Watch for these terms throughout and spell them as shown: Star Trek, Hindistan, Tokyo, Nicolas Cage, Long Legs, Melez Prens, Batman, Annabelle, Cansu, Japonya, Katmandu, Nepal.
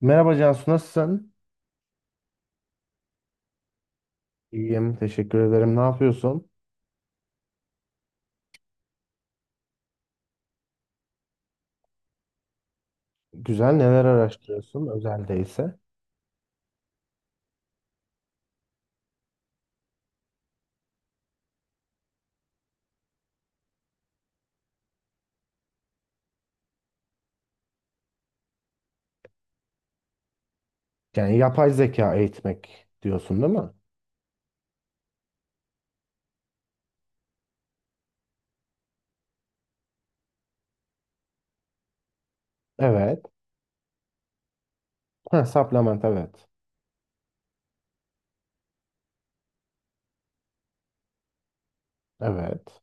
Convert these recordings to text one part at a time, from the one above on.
Merhaba Cansu, nasılsın? İyiyim, teşekkür ederim. Ne yapıyorsun? Güzel, neler araştırıyorsun özelde ise? Yani yapay zeka eğitmek diyorsun değil mi? Evet. Ha, supplement, evet. Evet.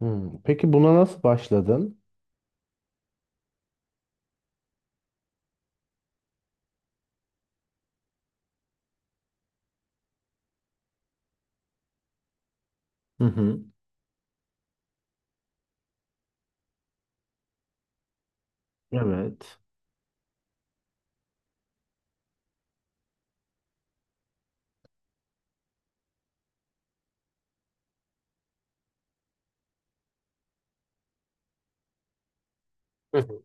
Hmm, peki buna nasıl başladın? Hı hı. Evet. Hı hı.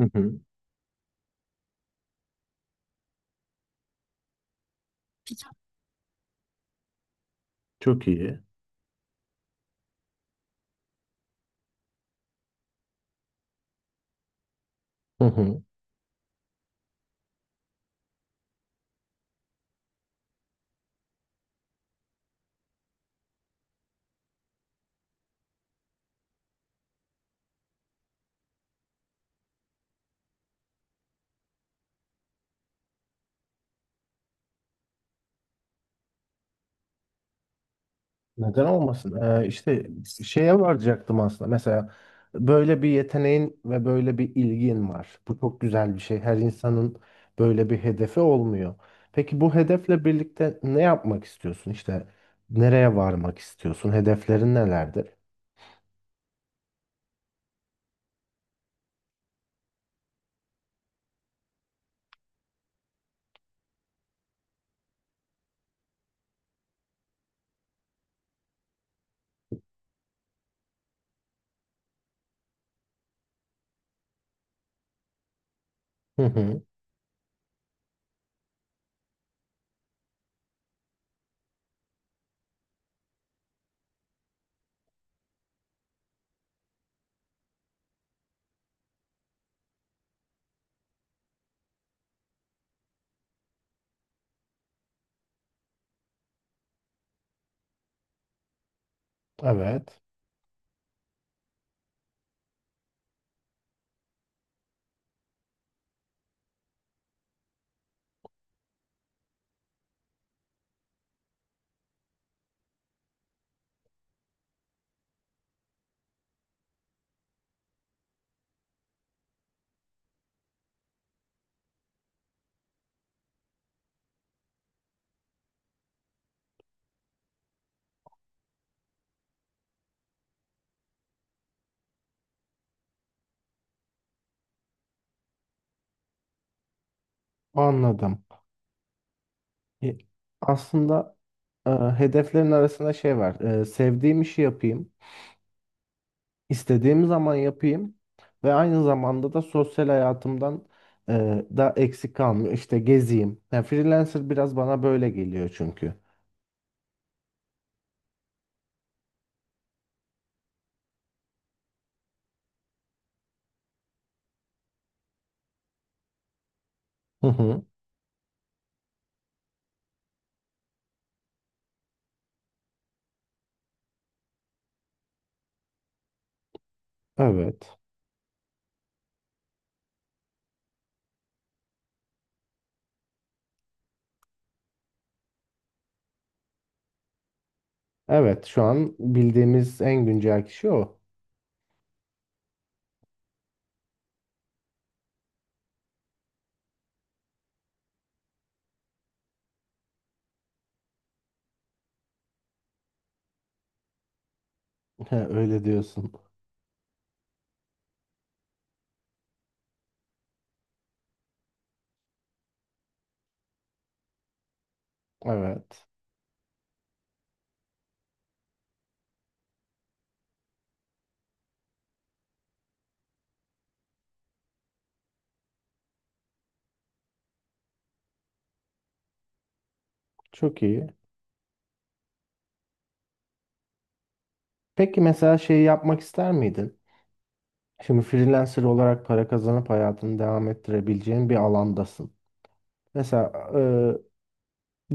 Hı hı. Çok iyi. Hı hı. Neden olmasın? İşte şeye varacaktım aslında. Mesela böyle bir yeteneğin ve böyle bir ilgin var. Bu çok güzel bir şey. Her insanın böyle bir hedefi olmuyor. Peki bu hedefle birlikte ne yapmak istiyorsun? İşte nereye varmak istiyorsun? Hedeflerin nelerdir? Hı hı. Evet. Anladım. E, Aslında hedeflerin arasında şey var. E, sevdiğim işi yapayım. İstediğim zaman yapayım ve aynı zamanda da sosyal hayatımdan e, da eksik kalmıyor. İşte gezeyim. Yani freelancer biraz bana böyle geliyor çünkü. Hı hı. Evet. Evet, şu an bildiğimiz en güncel kişi o. He, öyle diyorsun. Evet. Çok iyi. Peki mesela şeyi yapmak ister miydin? Şimdi freelancer olarak para kazanıp hayatını devam ettirebileceğin bir alandasın. Mesela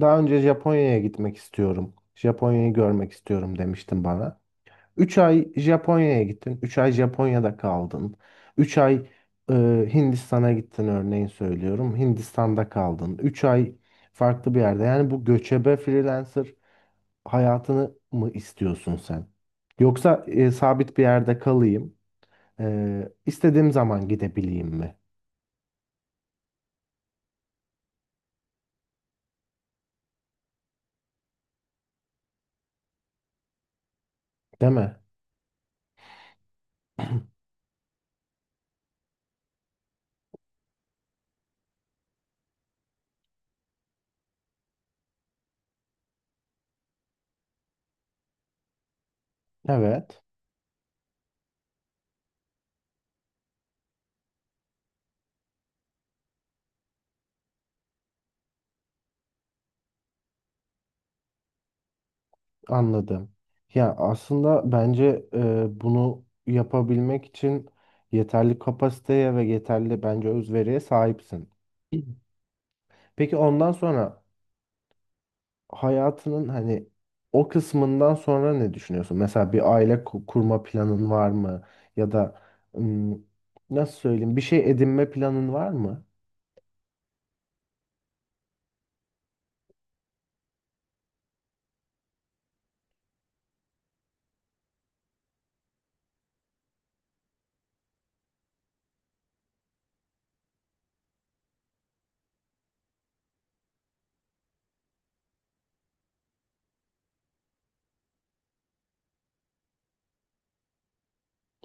daha önce Japonya'ya gitmek istiyorum. Japonya'yı görmek istiyorum demiştin bana. 3 ay Japonya'ya gittin. 3 ay Japonya'da kaldın. 3 ay e, Hindistan'a gittin örneğin söylüyorum. Hindistan'da kaldın. 3 ay farklı bir yerde. Yani bu göçebe freelancer hayatını mı istiyorsun sen? Yoksa sabit bir yerde kalayım. İstediğim zaman gidebileyim mi? Değil mi? Evet. Anladım. Ya aslında bence bunu yapabilmek için yeterli kapasiteye ve yeterli bence özveriye sahipsin. Peki ondan sonra hayatının hani o kısmından sonra ne düşünüyorsun? Mesela bir aile kurma planın var mı? Ya da ım, nasıl söyleyeyim, bir şey edinme planın var mı?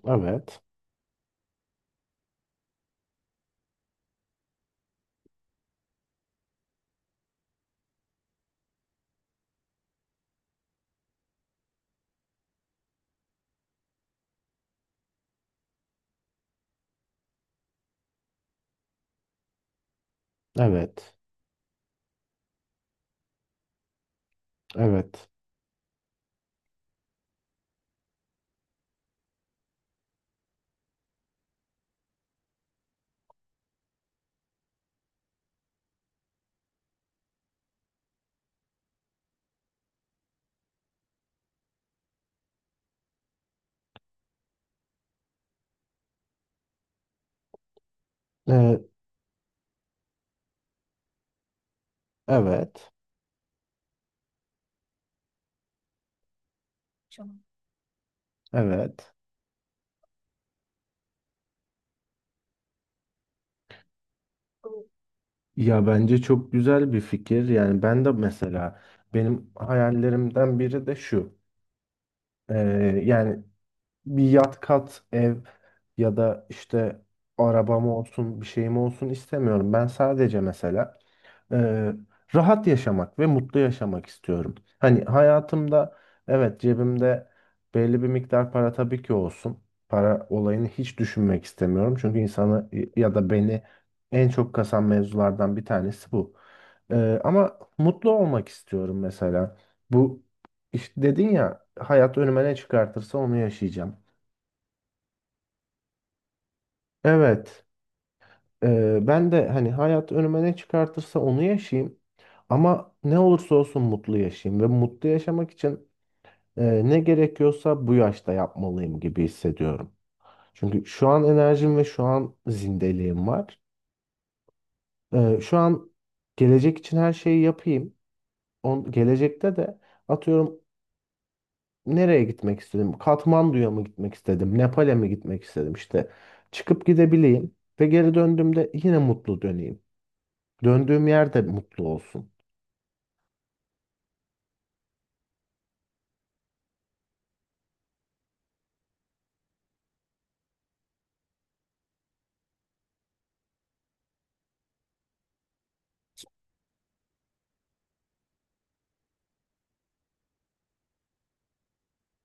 Evet. Evet. Evet. Ee, evet. Evet. Ya bence çok güzel bir fikir. Yani ben de mesela benim hayallerimden biri de şu. Yani bir yat, kat, ev ya da işte arabam olsun, bir şeyim olsun istemiyorum. Ben sadece mesela e, rahat yaşamak ve mutlu yaşamak istiyorum. Hani hayatımda evet, cebimde belli bir miktar para tabii ki olsun. Para olayını hiç düşünmek istemiyorum. Çünkü insanı ya da beni en çok kasan mevzulardan bir tanesi bu. Ama mutlu olmak istiyorum mesela. Bu işte dedin ya, hayat önüme ne çıkartırsa onu yaşayacağım. Evet. Ben de hani hayat önüme ne çıkartırsa onu yaşayayım. Ama ne olursa olsun mutlu yaşayayım. Ve mutlu yaşamak için ne gerekiyorsa bu yaşta yapmalıyım gibi hissediyorum. Çünkü şu an enerjim ve şu an zindeliğim var. Şu an gelecek için her şeyi yapayım. Gelecekte de atıyorum, nereye gitmek istedim? Katmandu'ya mı gitmek istedim? Nepal'e mi gitmek istedim? İşte çıkıp gidebileyim. Ve geri döndüğümde yine mutlu döneyim. Döndüğüm yerde mutlu olsun.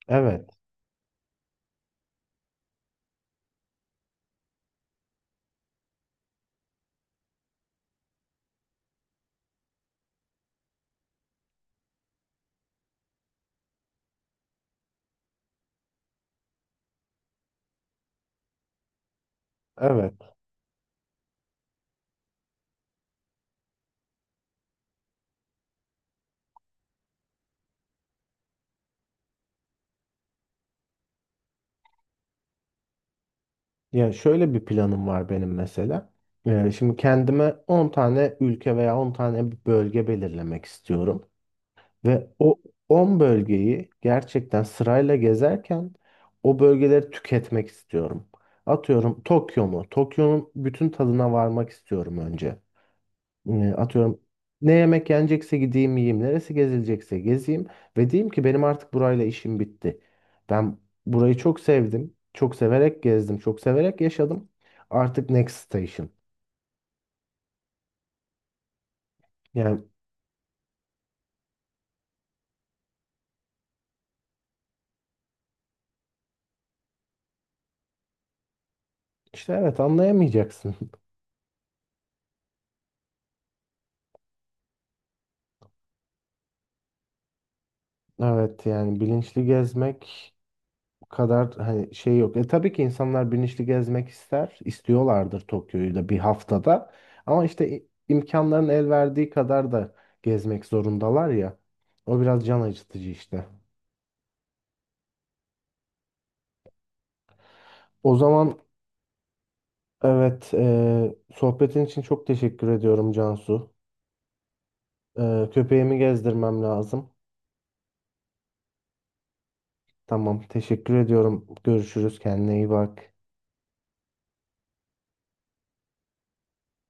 Evet, evet. Yani şöyle bir planım var benim mesela. Şimdi kendime 10 tane ülke veya 10 tane bir bölge belirlemek istiyorum. Ve o 10 bölgeyi gerçekten sırayla gezerken o bölgeleri tüketmek istiyorum. Atıyorum Tokyo mu? Tokyo'nun bütün tadına varmak istiyorum önce. Atıyorum ne yemek yenecekse gideyim yiyeyim. Neresi gezilecekse gezeyim. Ve diyeyim ki benim artık burayla işim bitti. Ben burayı çok sevdim. Çok severek gezdim. Çok severek yaşadım. Artık next station. Yani işte evet, anlayamayacaksın. Evet, yani bilinçli gezmek kadar hani şey yok. E tabii ki insanlar bilinçli gezmek ister, istiyorlardır Tokyo'yu da bir haftada. Ama işte imkanların el verdiği kadar da gezmek zorundalar ya. O biraz can acıtıcı işte. O zaman evet, sohbetin için çok teşekkür ediyorum Cansu. Köpeğimi gezdirmem lazım. Tamam, teşekkür ediyorum. Görüşürüz, kendine iyi bak.